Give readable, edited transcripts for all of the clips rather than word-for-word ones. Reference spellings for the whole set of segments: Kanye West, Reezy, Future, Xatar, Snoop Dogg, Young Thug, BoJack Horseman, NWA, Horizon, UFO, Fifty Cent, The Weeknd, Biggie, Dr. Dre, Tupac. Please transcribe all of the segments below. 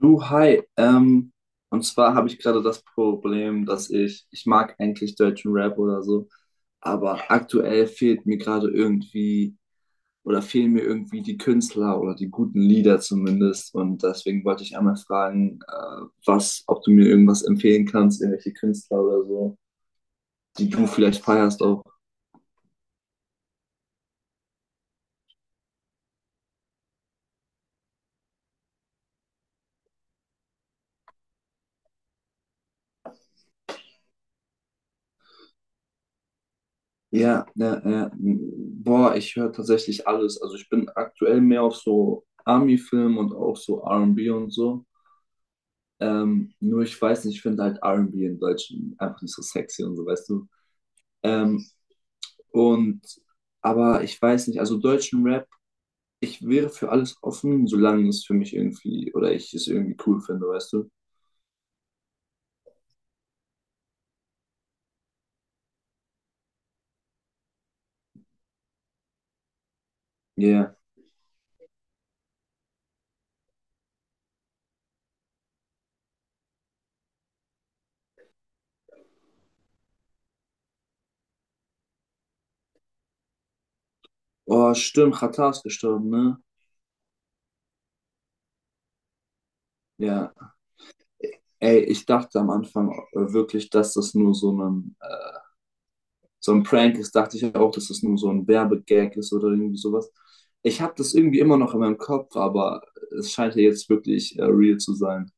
Du, hi. Und zwar habe ich gerade das Problem, dass ich mag eigentlich deutschen Rap oder so, aber aktuell fehlt mir gerade irgendwie oder fehlen mir irgendwie die Künstler oder die guten Lieder zumindest. Und deswegen wollte ich einmal fragen, ob du mir irgendwas empfehlen kannst, irgendwelche Künstler oder so, die du vielleicht feierst auch. Ja, ja, ja. Boah, ich höre tatsächlich alles. Also ich bin aktuell mehr auf so Army-Film und auch so R&B und B und so. Nur ich weiß nicht, ich finde halt R&B in Deutschland einfach nicht so sexy und so, weißt du. Ähm, und, aber ich weiß nicht, also deutschen Rap, ich wäre für alles offen, solange es für mich irgendwie, oder ich es irgendwie cool finde, weißt du. Ja. Yeah. Oh, stimmt, Xatar ist gestorben, ne? Ja. Ey, ich dachte am Anfang wirklich, dass das nur so ein Prank ist. Dachte ich auch, dass das nur so ein Werbegag ist oder irgendwie sowas. Ich habe das irgendwie immer noch in meinem Kopf, aber es scheint ja jetzt wirklich real zu sein.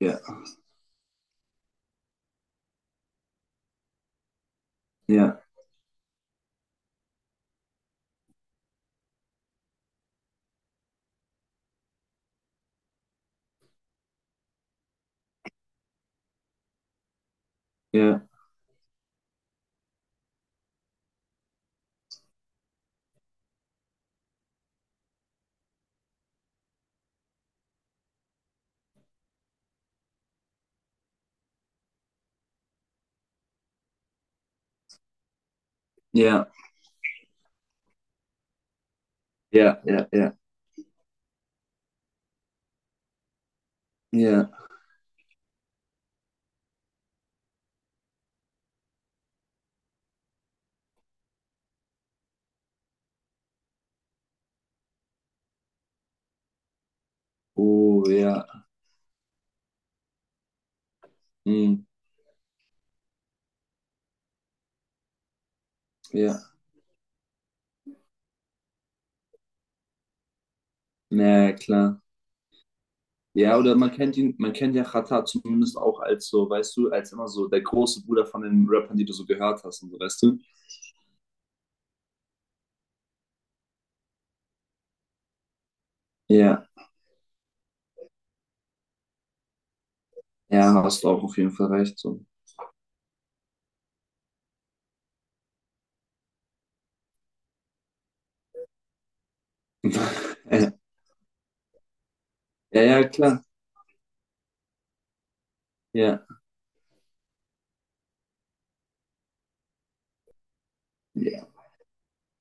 Ja. Ja, ja, ja, ja, ja, ja, ja. Oh, ja. Hm, ja. Na ja, klar. Ja, oder man kennt ihn, man kennt ja Xatar zumindest auch als so, weißt du, als immer so der große Bruder von den Rappern, die du so gehört hast und so, weißt du? Ja, ja, hast du auch auf jeden Fall recht. So. Ja, ja, klar. Ja, ja.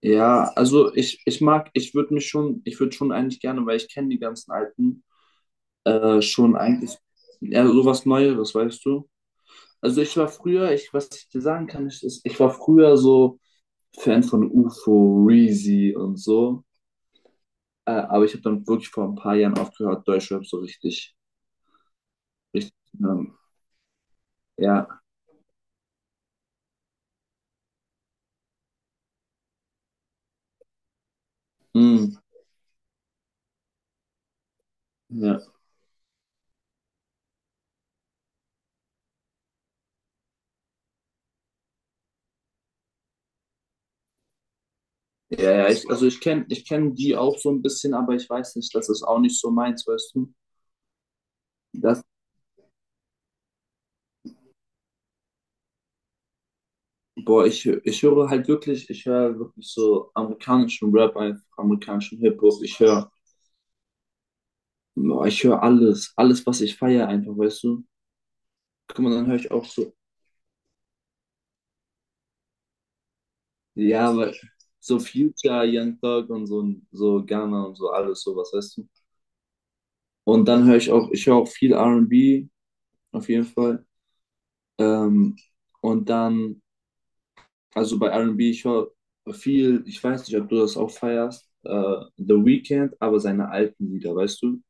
Ja, also ich mag, ich würde schon eigentlich gerne, weil ich kenne die ganzen alten, schon eigentlich, ja, sowas Neueres, weißt du? Also ich war früher, ich, was ich dir sagen kann, ich war früher so Fan von UFO, Reezy und so. Aber ich habe dann wirklich vor ein paar Jahren aufgehört, Deutschrap so richtig, richtig, ähm, ja, mm, ja, ja, ja, also ich kenn die auch so ein bisschen, aber ich weiß nicht, das ist auch nicht so meins, weißt du? Das, Boah, ich höre halt wirklich, ich höre wirklich so amerikanischen Rap, einfach amerikanischen Hip-Hop, ich höre, boah, ich höre alles, was ich feiere einfach, weißt du? Guck mal, dann höre ich auch so, ja, aber so Future, Young Thug und so, so Ghana und so alles sowas, weißt du? Und dann höre ich auch, ich höre auch viel R und B auf jeden Fall. Ähm, und dann, also bei R und B ich höre viel, ich weiß nicht, ob du das auch feierst, The Weeknd, aber seine alten Lieder, weißt du?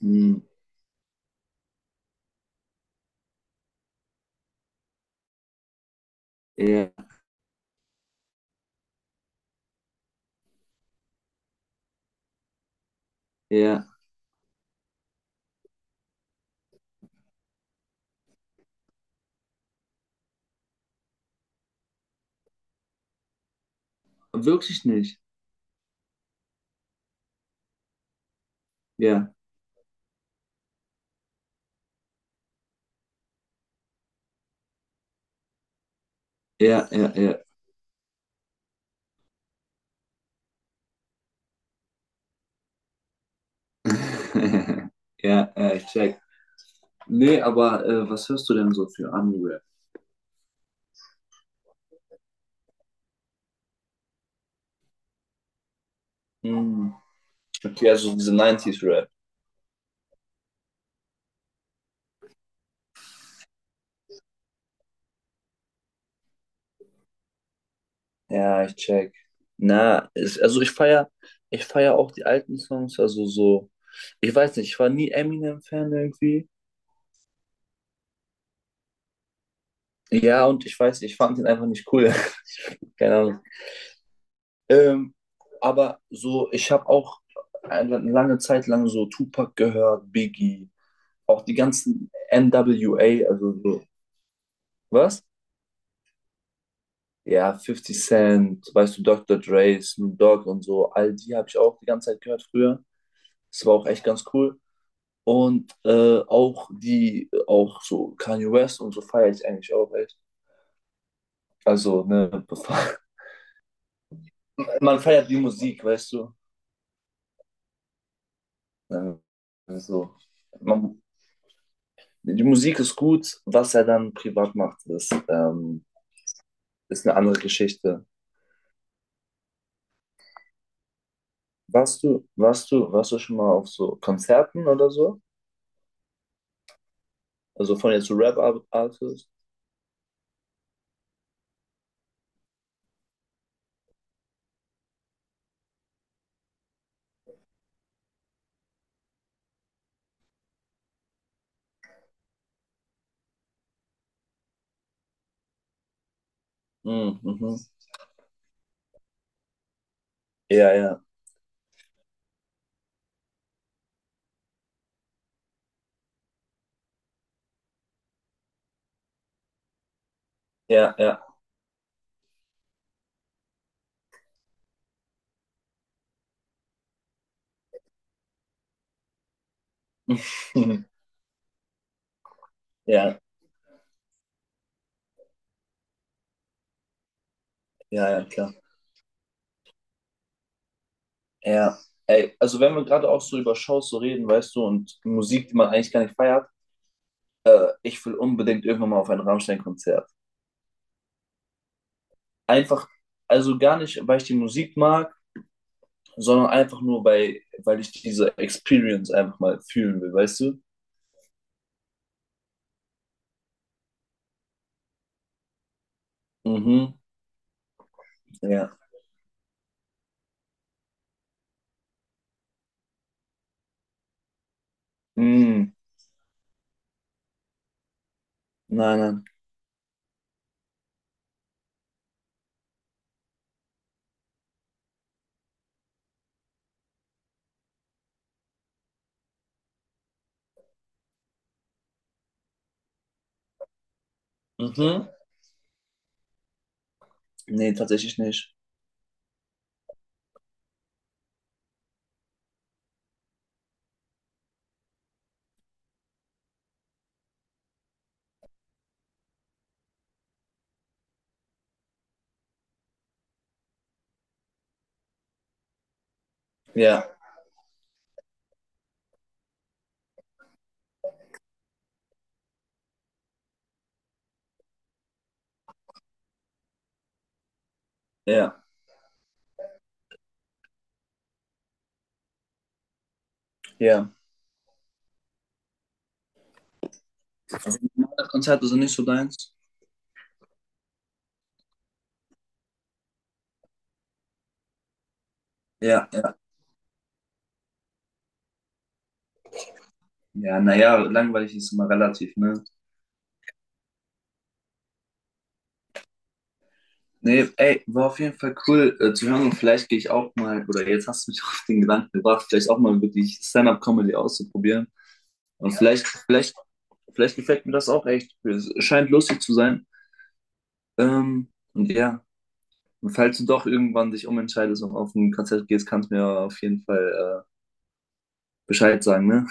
Hm, ja, ja, wirklich nicht. Ja, ja, ja, ja. Ja, ich check. Nee, aber was hörst du denn so für Ami-Rap? Hm. Okay, also diese 90 rap. Ja, ich check. Na, ist, also ich feier auch die alten Songs, also so, ich weiß nicht, ich war nie Eminem-Fan irgendwie. Ja, und ich weiß, ich fand ihn einfach nicht cool. Keine Ahnung. Ähm, aber so, ich habe auch eine lange Zeit lang so Tupac gehört, Biggie, auch die ganzen NWA, also so, was? Ja, Fifty Cent, weißt du, Dr. Dre, Snoop Dogg und so, all die habe ich auch die ganze Zeit gehört früher. Es war auch echt ganz cool. Und auch auch so Kanye West und so feiere ich eigentlich auch echt. Also, ne, man feiert die Musik, weißt du? Ja, also man, die Musik ist gut, was er dann privat macht, ist eine andere Geschichte. Warst du schon mal auf so Konzerten oder so? Also von jetzt so Rap-Artists? Mhm, mhm. Ja, ja, ja, ja. Ja, ja, ja, klar. Ja, ey, also wenn wir gerade auch so über Shows so reden, weißt du, und Musik, die man eigentlich gar nicht feiert, ich will unbedingt irgendwann mal auf ein Rammstein-Konzert. Einfach, also gar nicht, weil ich die Musik mag, sondern einfach nur, weil ich diese Experience einfach mal fühlen will, weißt du? Mhm, ja. Mm, nein, nein. Mhm. Nee, tatsächlich nicht. Ja, ja, ja. Also, normale Konzerte sind nicht so deins. Ja, ja. Ja, naja, langweilig ist immer relativ, ne? Nee, ey, war auf jeden Fall cool zu hören und vielleicht gehe ich auch mal, oder jetzt hast du mich auf den Gedanken gebracht, vielleicht auch mal wirklich Stand-up-Comedy auszuprobieren. Und vielleicht gefällt mir das auch echt. Es scheint lustig zu sein. Ähm, und ja, und falls du doch irgendwann dich umentscheidest und auf ein Konzert gehst, kannst du mir auf jeden Fall Bescheid sagen, ne?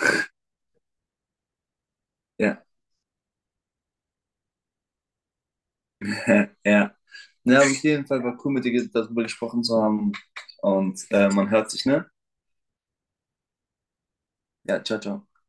Ja, ja. Ja, aber auf jeden Fall war cool, mit dir darüber gesprochen zu haben. Und man hört sich, ne? Ja, ciao, ciao.